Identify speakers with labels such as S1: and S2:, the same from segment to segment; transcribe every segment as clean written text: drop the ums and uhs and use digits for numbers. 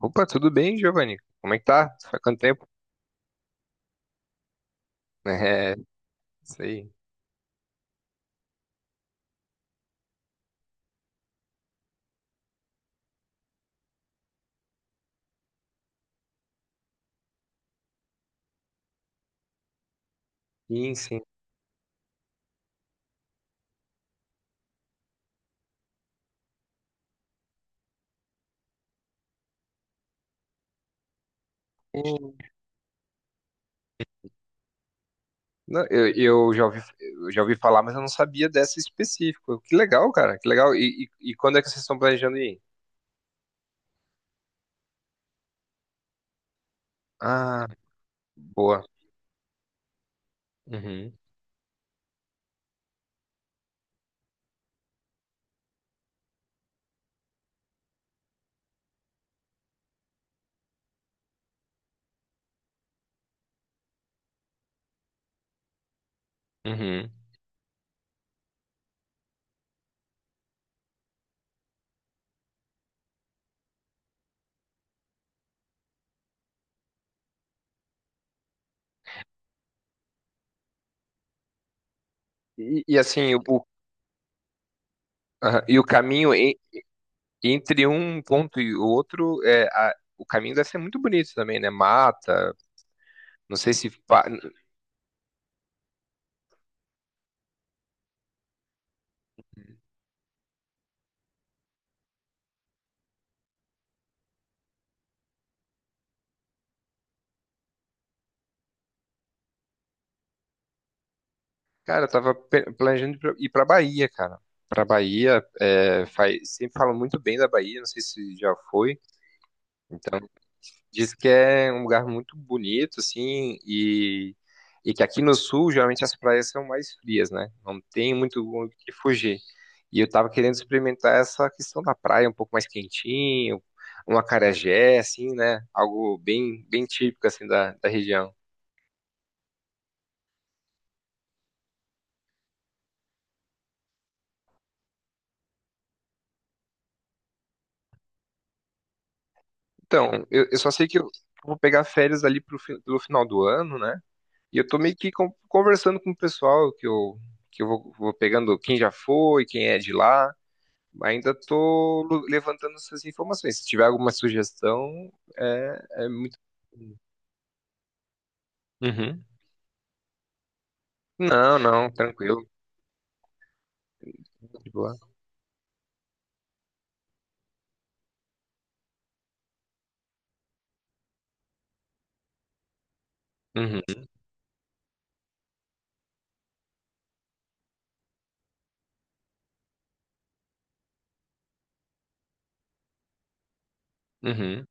S1: Opa, tudo bem, Giovanni? Como é que tá? Faz quanto tempo? É, isso aí. Sim, sim. Hum. Não, eu já ouvi, eu já ouvi falar, mas eu não sabia dessa específica. Que legal, cara, que legal. E quando é que vocês estão planejando ir? Ah, boa. Uhum, uhum. E assim, aham, e o caminho entre um ponto e o outro, é, o caminho deve ser muito bonito também, né? Mata, não sei se... Cara, eu planejando ir pra Bahia, cara. Pra Bahia, é, sempre falam muito bem da Bahia, não sei se já foi. Então, diz que é um lugar muito bonito, assim, e que aqui no sul, geralmente as praias são mais frias, né? Não tem muito o que fugir. E eu tava querendo experimentar essa questão da praia, um pouco mais quentinho, um acarajé, assim, né? Algo bem, bem típico, assim, da, da região. Então, eu só sei que eu vou pegar férias ali pelo final do ano, né? E eu tô meio que conversando com o pessoal que eu vou, vou pegando quem já foi, quem é de lá. Ainda tô levantando essas informações. Se tiver alguma sugestão, é, é muito. Uhum. Não, não, tranquilo. De boa. Uhum, uhum,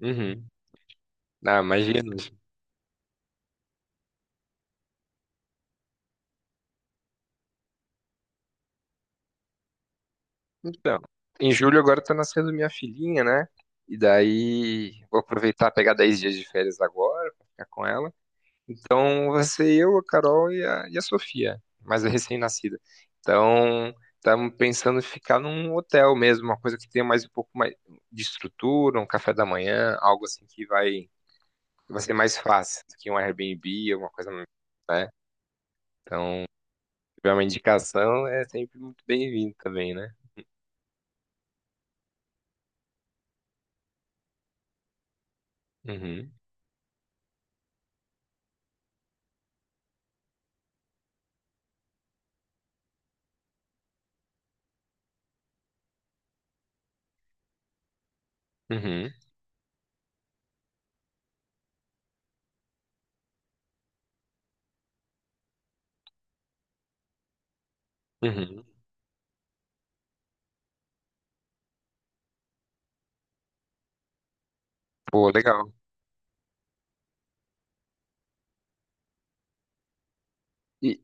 S1: uhum. Ah, imagino. Então, em julho agora tá nascendo minha filhinha, né? E daí vou aproveitar pegar 10 dias de férias agora pra ficar com ela. Então, vai ser eu, a Carol e a Sofia, mais a recém-nascida. Então, estamos pensando em ficar num hotel mesmo, uma coisa que tenha mais um pouco mais de estrutura, um café da manhã, algo assim que vai, vai ser mais fácil do que um Airbnb, alguma coisa, né? Então, se tiver uma indicação, é sempre muito bem-vindo também, né? Uhum, uhum, uhum. Pô, legal. E,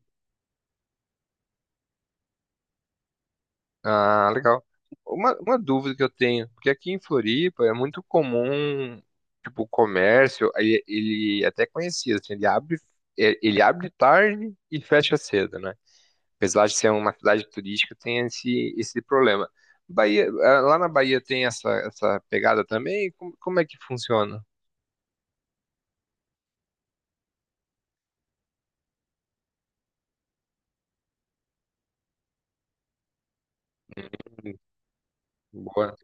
S1: ah, legal. Uma dúvida que eu tenho, porque aqui em Floripa é muito comum, tipo, o comércio, ele é até conhecia, assim, ele abre, é, ele abre tarde e fecha cedo, né? Apesar de ser uma cidade turística, tem esse problema. Bahia, ah, lá na Bahia tem essa pegada também? Como, como é que funciona? Hum, boa.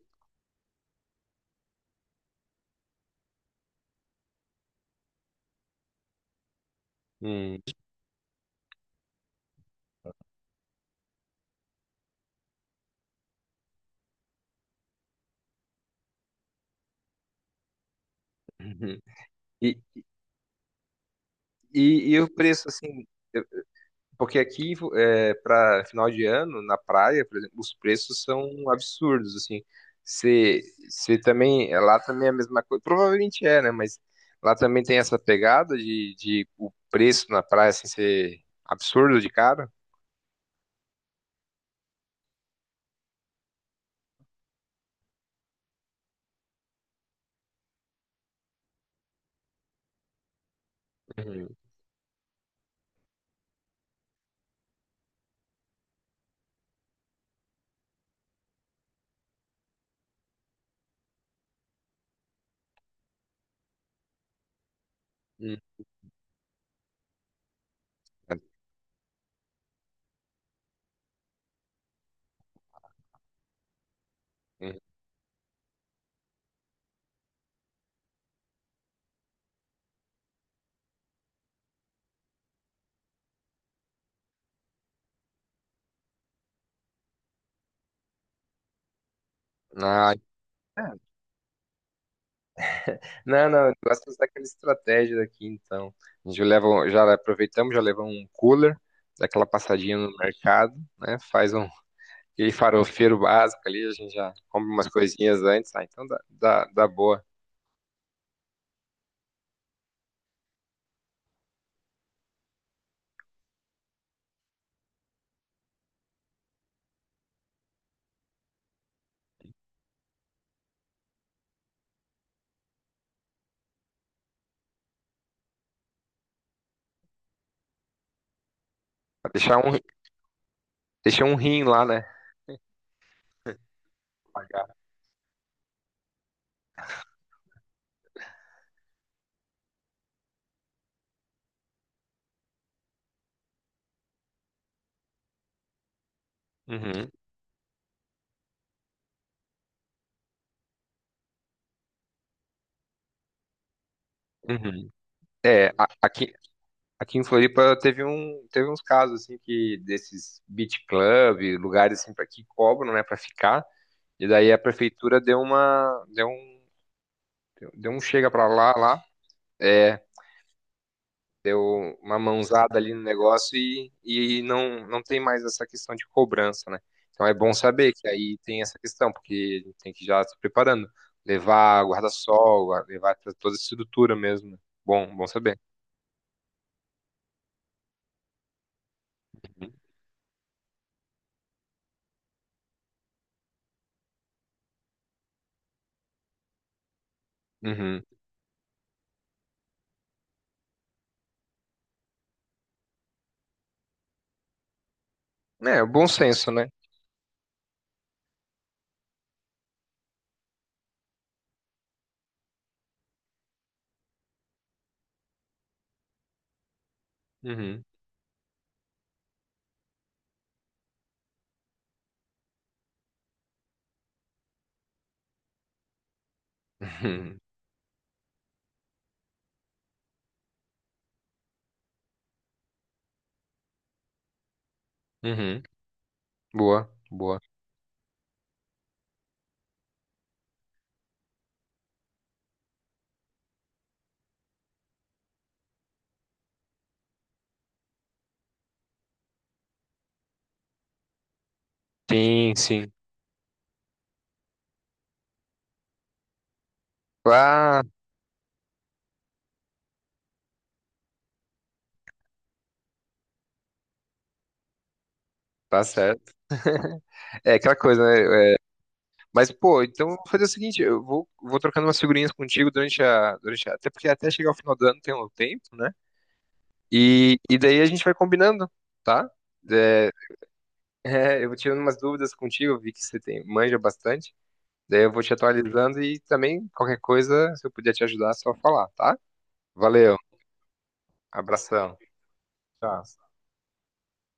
S1: Hum. E, e o preço, assim, porque aqui, é, para final de ano, na praia, por exemplo, os preços são absurdos, assim. Se, se também, é, lá também é a mesma coisa, provavelmente é, né? Mas lá também tem essa pegada de o preço na praia, assim, ser absurdo de cara. Uhum. Uhum. Uhum. Ah, não, não, eu gosto de usar aquela estratégia daqui, então. A gente leva, já aproveitamos, já levamos um cooler, dá aquela passadinha no mercado, né? Faz um aquele farofeiro básico ali, a gente já compra umas coisinhas antes, ah, então dá, dá, dá boa. Deixar um, deixar um rim lá, né? Pagar. Uhum, uhum. É, aqui, aqui em Floripa teve uns casos assim que desses beach club, lugares assim para que cobram, né, para ficar. E daí a prefeitura deu um chega para lá, lá. É, deu uma mãozada ali no negócio e não, não tem mais essa questão de cobrança, né? Então é bom saber que aí tem essa questão, porque a gente tem que já se preparando, levar guarda-sol, levar toda a estrutura mesmo, né? Bom, bom saber. Uhum. Uhum. É, o bom senso, né? Uhum. Uhum. Uhum. Boa, boa. Sim, sim. Ah, tá certo. É aquela coisa, né? Mas, pô, então eu vou fazer o seguinte, eu vou, vou trocando umas figurinhas contigo durante a Até porque até chegar ao final do ano tem um tempo, né? E daí a gente vai combinando, tá? É, é, eu vou tirando umas dúvidas contigo, eu vi que você tem, manja bastante. Daí eu vou te atualizando e também qualquer coisa, se eu puder te ajudar, é só falar, tá? Valeu, abração. Tchau.